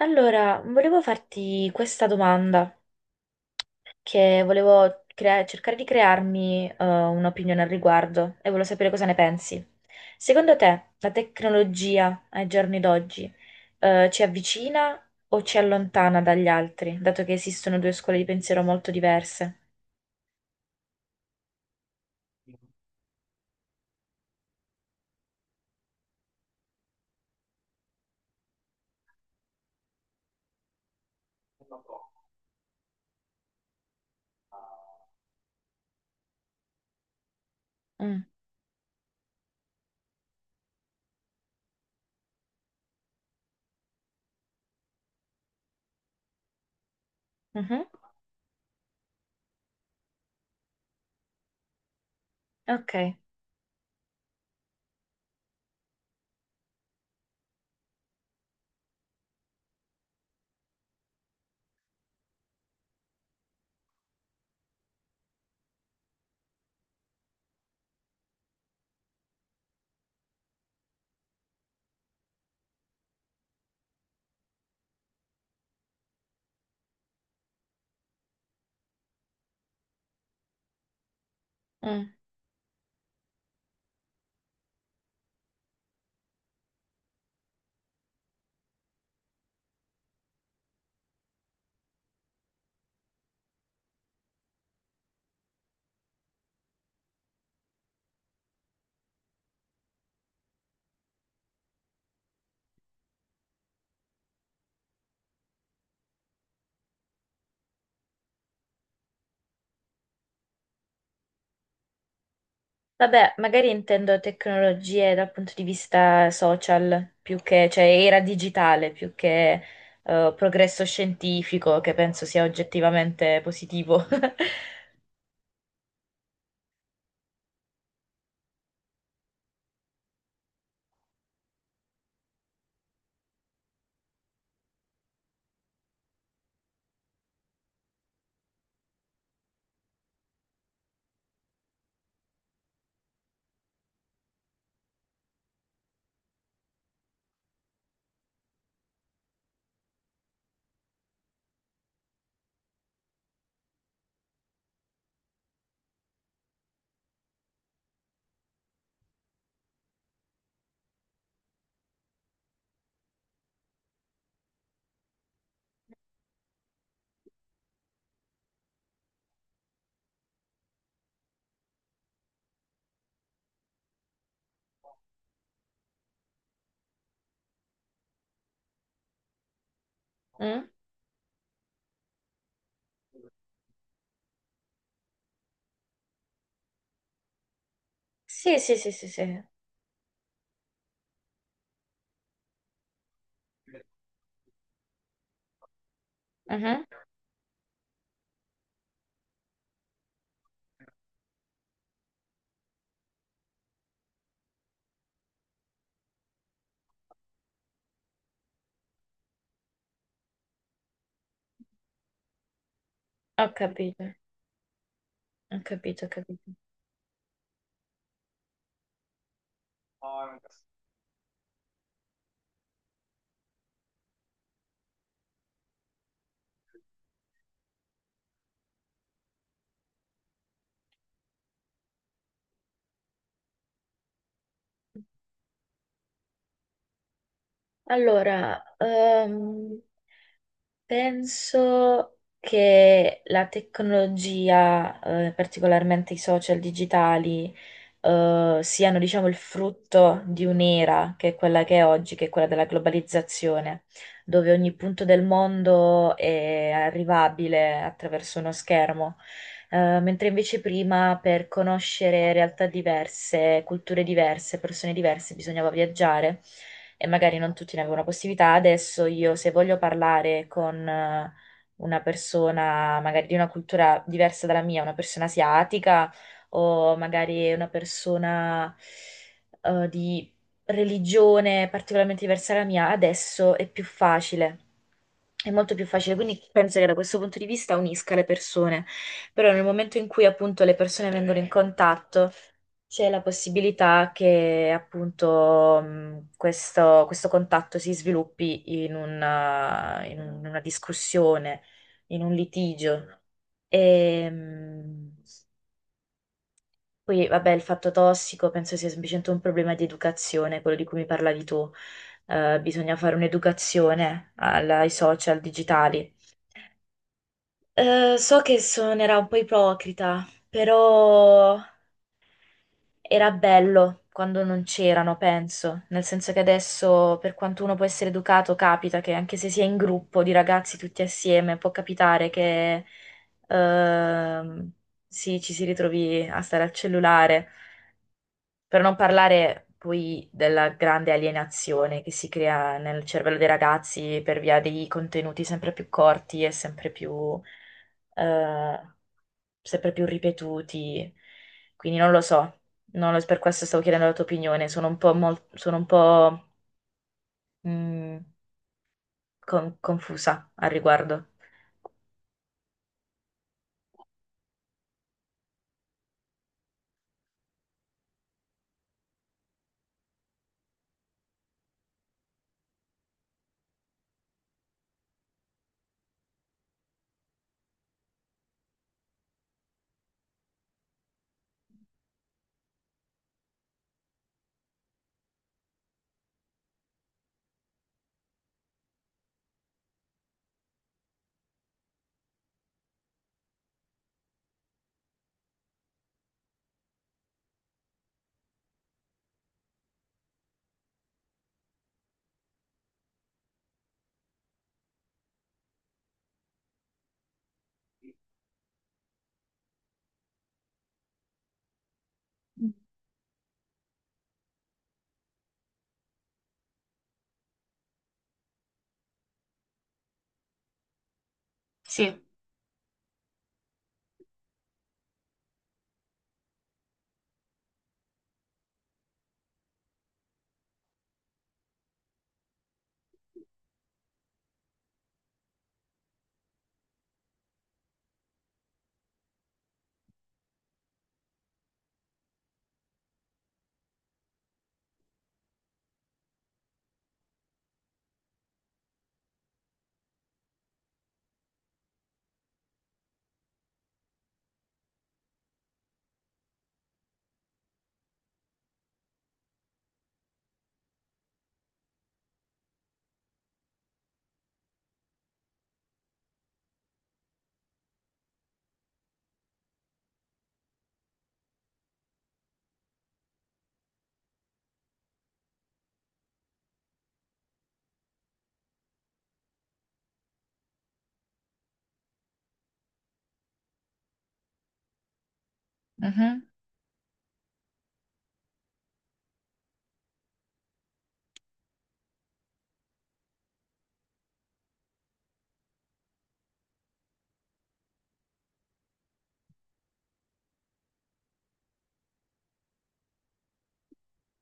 Allora, volevo farti questa domanda, che volevo cercare di crearmi un'opinione al riguardo e volevo sapere cosa ne pensi. Secondo te, la tecnologia ai giorni d'oggi ci avvicina o ci allontana dagli altri, dato che esistono due scuole di pensiero molto diverse? Mm. Mhm. Ok. Mm. Vabbè, magari intendo tecnologie dal punto di vista social, più che, cioè era digitale, più che progresso scientifico, che penso sia oggettivamente positivo. Mm? Sì, sì, sì, sì, sì. Mhm. Ho capito, ho capito, ho capito. Allora, penso che la tecnologia, particolarmente i social digitali, siano, diciamo, il frutto di un'era che è quella che è oggi, che è quella della globalizzazione, dove ogni punto del mondo è arrivabile attraverso uno schermo. Mentre invece prima per conoscere realtà diverse, culture diverse, persone diverse, bisognava viaggiare e magari non tutti ne avevano la possibilità. Adesso io se voglio parlare con una persona magari di una cultura diversa dalla mia, una persona asiatica o magari una persona di religione particolarmente diversa dalla mia, adesso è più facile. È molto più facile, quindi penso che da questo punto di vista unisca le persone, però nel momento in cui appunto le persone vengono in contatto c'è la possibilità che appunto questo contatto si sviluppi in una discussione, in un litigio. E, poi vabbè, il fatto tossico penso sia semplicemente un problema di educazione, quello di cui mi parlavi tu. Bisogna fare un'educazione ai social digitali. So che suonerà un po' ipocrita, però. Era bello quando non c'erano, penso, nel senso che adesso, per quanto uno può essere educato, capita che anche se si è in gruppo di ragazzi tutti assieme, può capitare che ehm, sì, ci si ritrovi a stare al cellulare. Per non parlare poi della grande alienazione che si crea nel cervello dei ragazzi per via dei contenuti sempre più corti e eh, sempre più ripetuti. Quindi non lo so, non lo- per questo stavo chiedendo la tua opinione, sono un po', mm, confusa al riguardo. Sì. Mhm.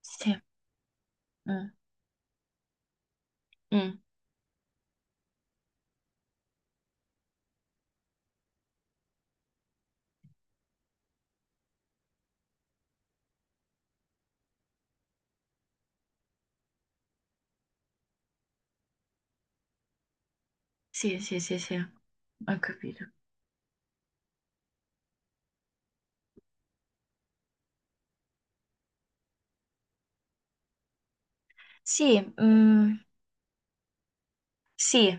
Sì, mm, mm. Sì, sì, sì, sì, ho capito. Sì, mm, sì.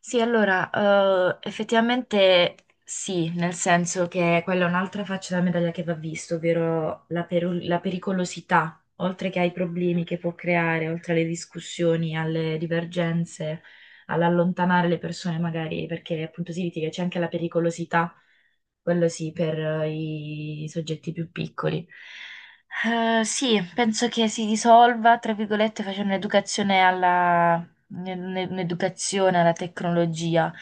Sì, allora, effettivamente sì, nel senso che quella è un'altra faccia della medaglia che va vista, ovvero la pericolosità, oltre che ai problemi che può creare, oltre alle discussioni, alle divergenze, all'allontanare le persone magari, perché appunto si litiga, c'è anche la pericolosità, quello sì, per i soggetti più piccoli. Sì, penso che si risolva, tra virgolette, facendo un'educazione un'educazione alla tecnologia.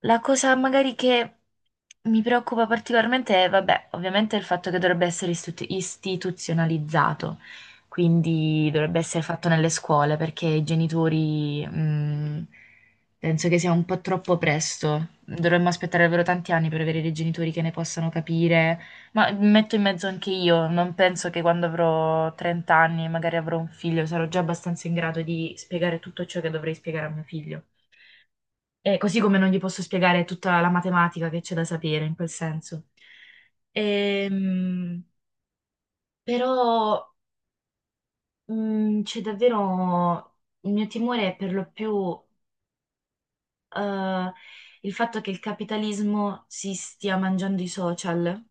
La cosa magari che mi preoccupa particolarmente è, vabbè, ovviamente il fatto che dovrebbe essere istituzionalizzato, quindi dovrebbe essere fatto nelle scuole, perché i genitori, penso che sia un po' troppo presto. Dovremmo aspettare davvero tanti anni per avere dei genitori che ne possano capire, ma mi metto in mezzo anche io, non penso che quando avrò 30 anni, magari avrò un figlio, sarò già abbastanza in grado di spiegare tutto ciò che dovrei spiegare a mio figlio. Così come non gli posso spiegare tutta la matematica che c'è da sapere in quel senso. Ehm, però c'è davvero il mio timore è per lo più eh, il fatto che il capitalismo si stia mangiando i social.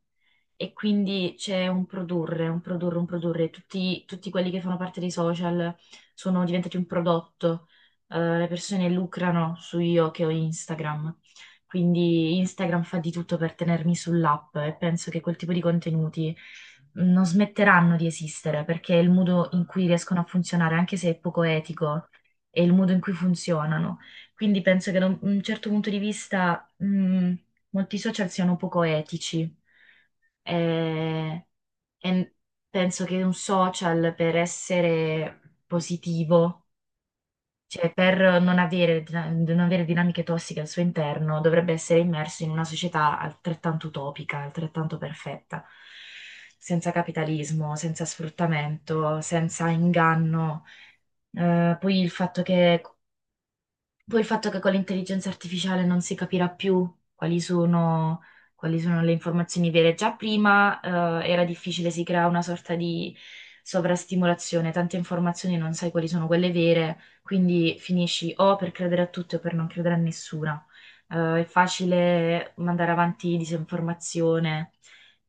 E quindi c'è un produrre, un produrre, un produrre. Tutti quelli che fanno parte dei social sono diventati un prodotto. Le persone lucrano su io che ho Instagram. Quindi Instagram fa di tutto per tenermi sull'app e penso che quel tipo di contenuti non smetteranno di esistere perché è il modo in cui riescono a funzionare, anche se è poco etico, è il modo in cui funzionano. Quindi penso che da un certo punto di vista, molti social siano poco etici. Eh, e penso che un social per essere positivo, cioè per non avere, non avere dinamiche tossiche al suo interno, dovrebbe essere immerso in una società altrettanto utopica, altrettanto perfetta, senza capitalismo, senza sfruttamento, senza inganno. Poi il fatto che poi il fatto che con l'intelligenza artificiale non si capirà più quali sono, quali sono le informazioni vere. Già prima, era difficile, si crea una sorta di sovrastimolazione, tante informazioni non sai quali sono quelle vere, quindi finisci o per credere a tutte o per non credere a nessuna. È facile mandare avanti disinformazione.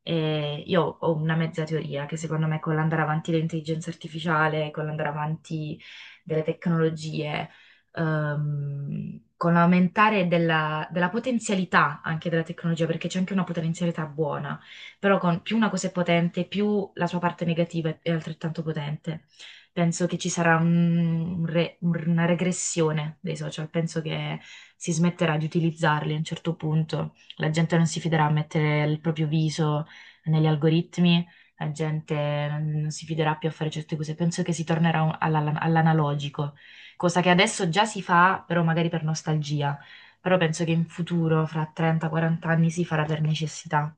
E io ho una mezza teoria che secondo me con l'andare avanti dell'intelligenza artificiale, con l'andare avanti delle tecnologie con l'aumentare della potenzialità anche della tecnologia, perché c'è anche una potenzialità buona, però con, più una cosa è potente, più la sua parte negativa è altrettanto potente. Penso che ci sarà una regressione dei social, penso che si smetterà di utilizzarli a un certo punto, la gente non si fiderà a mettere il proprio viso negli algoritmi. La gente non si fiderà più a fare certe cose. Penso che si tornerà all'analogico, cosa che adesso già si fa, però magari per nostalgia, però penso che in futuro, fra 30-40 anni, si farà per necessità.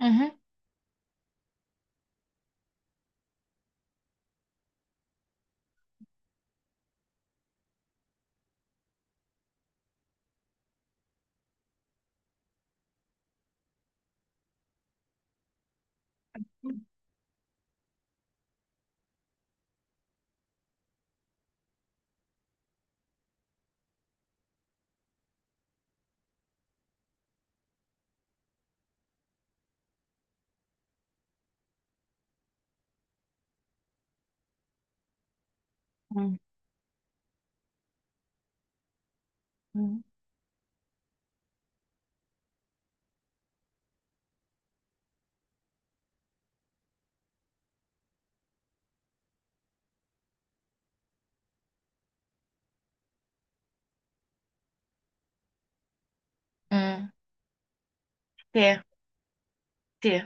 Mhm. Mm, mm, mm. Sì, sì,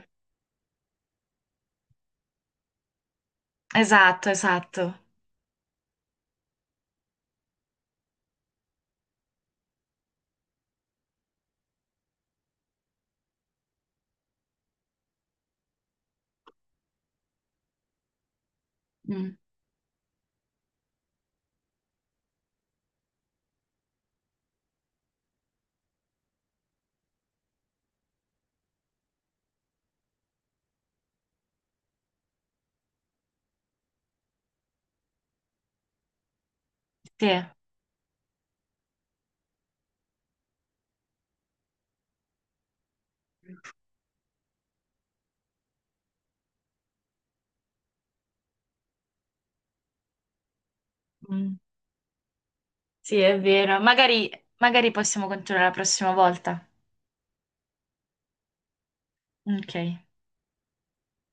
esatto, esatto. Mm, sì, mm, sì, è vero. Magari possiamo continuare la prossima volta. Ok.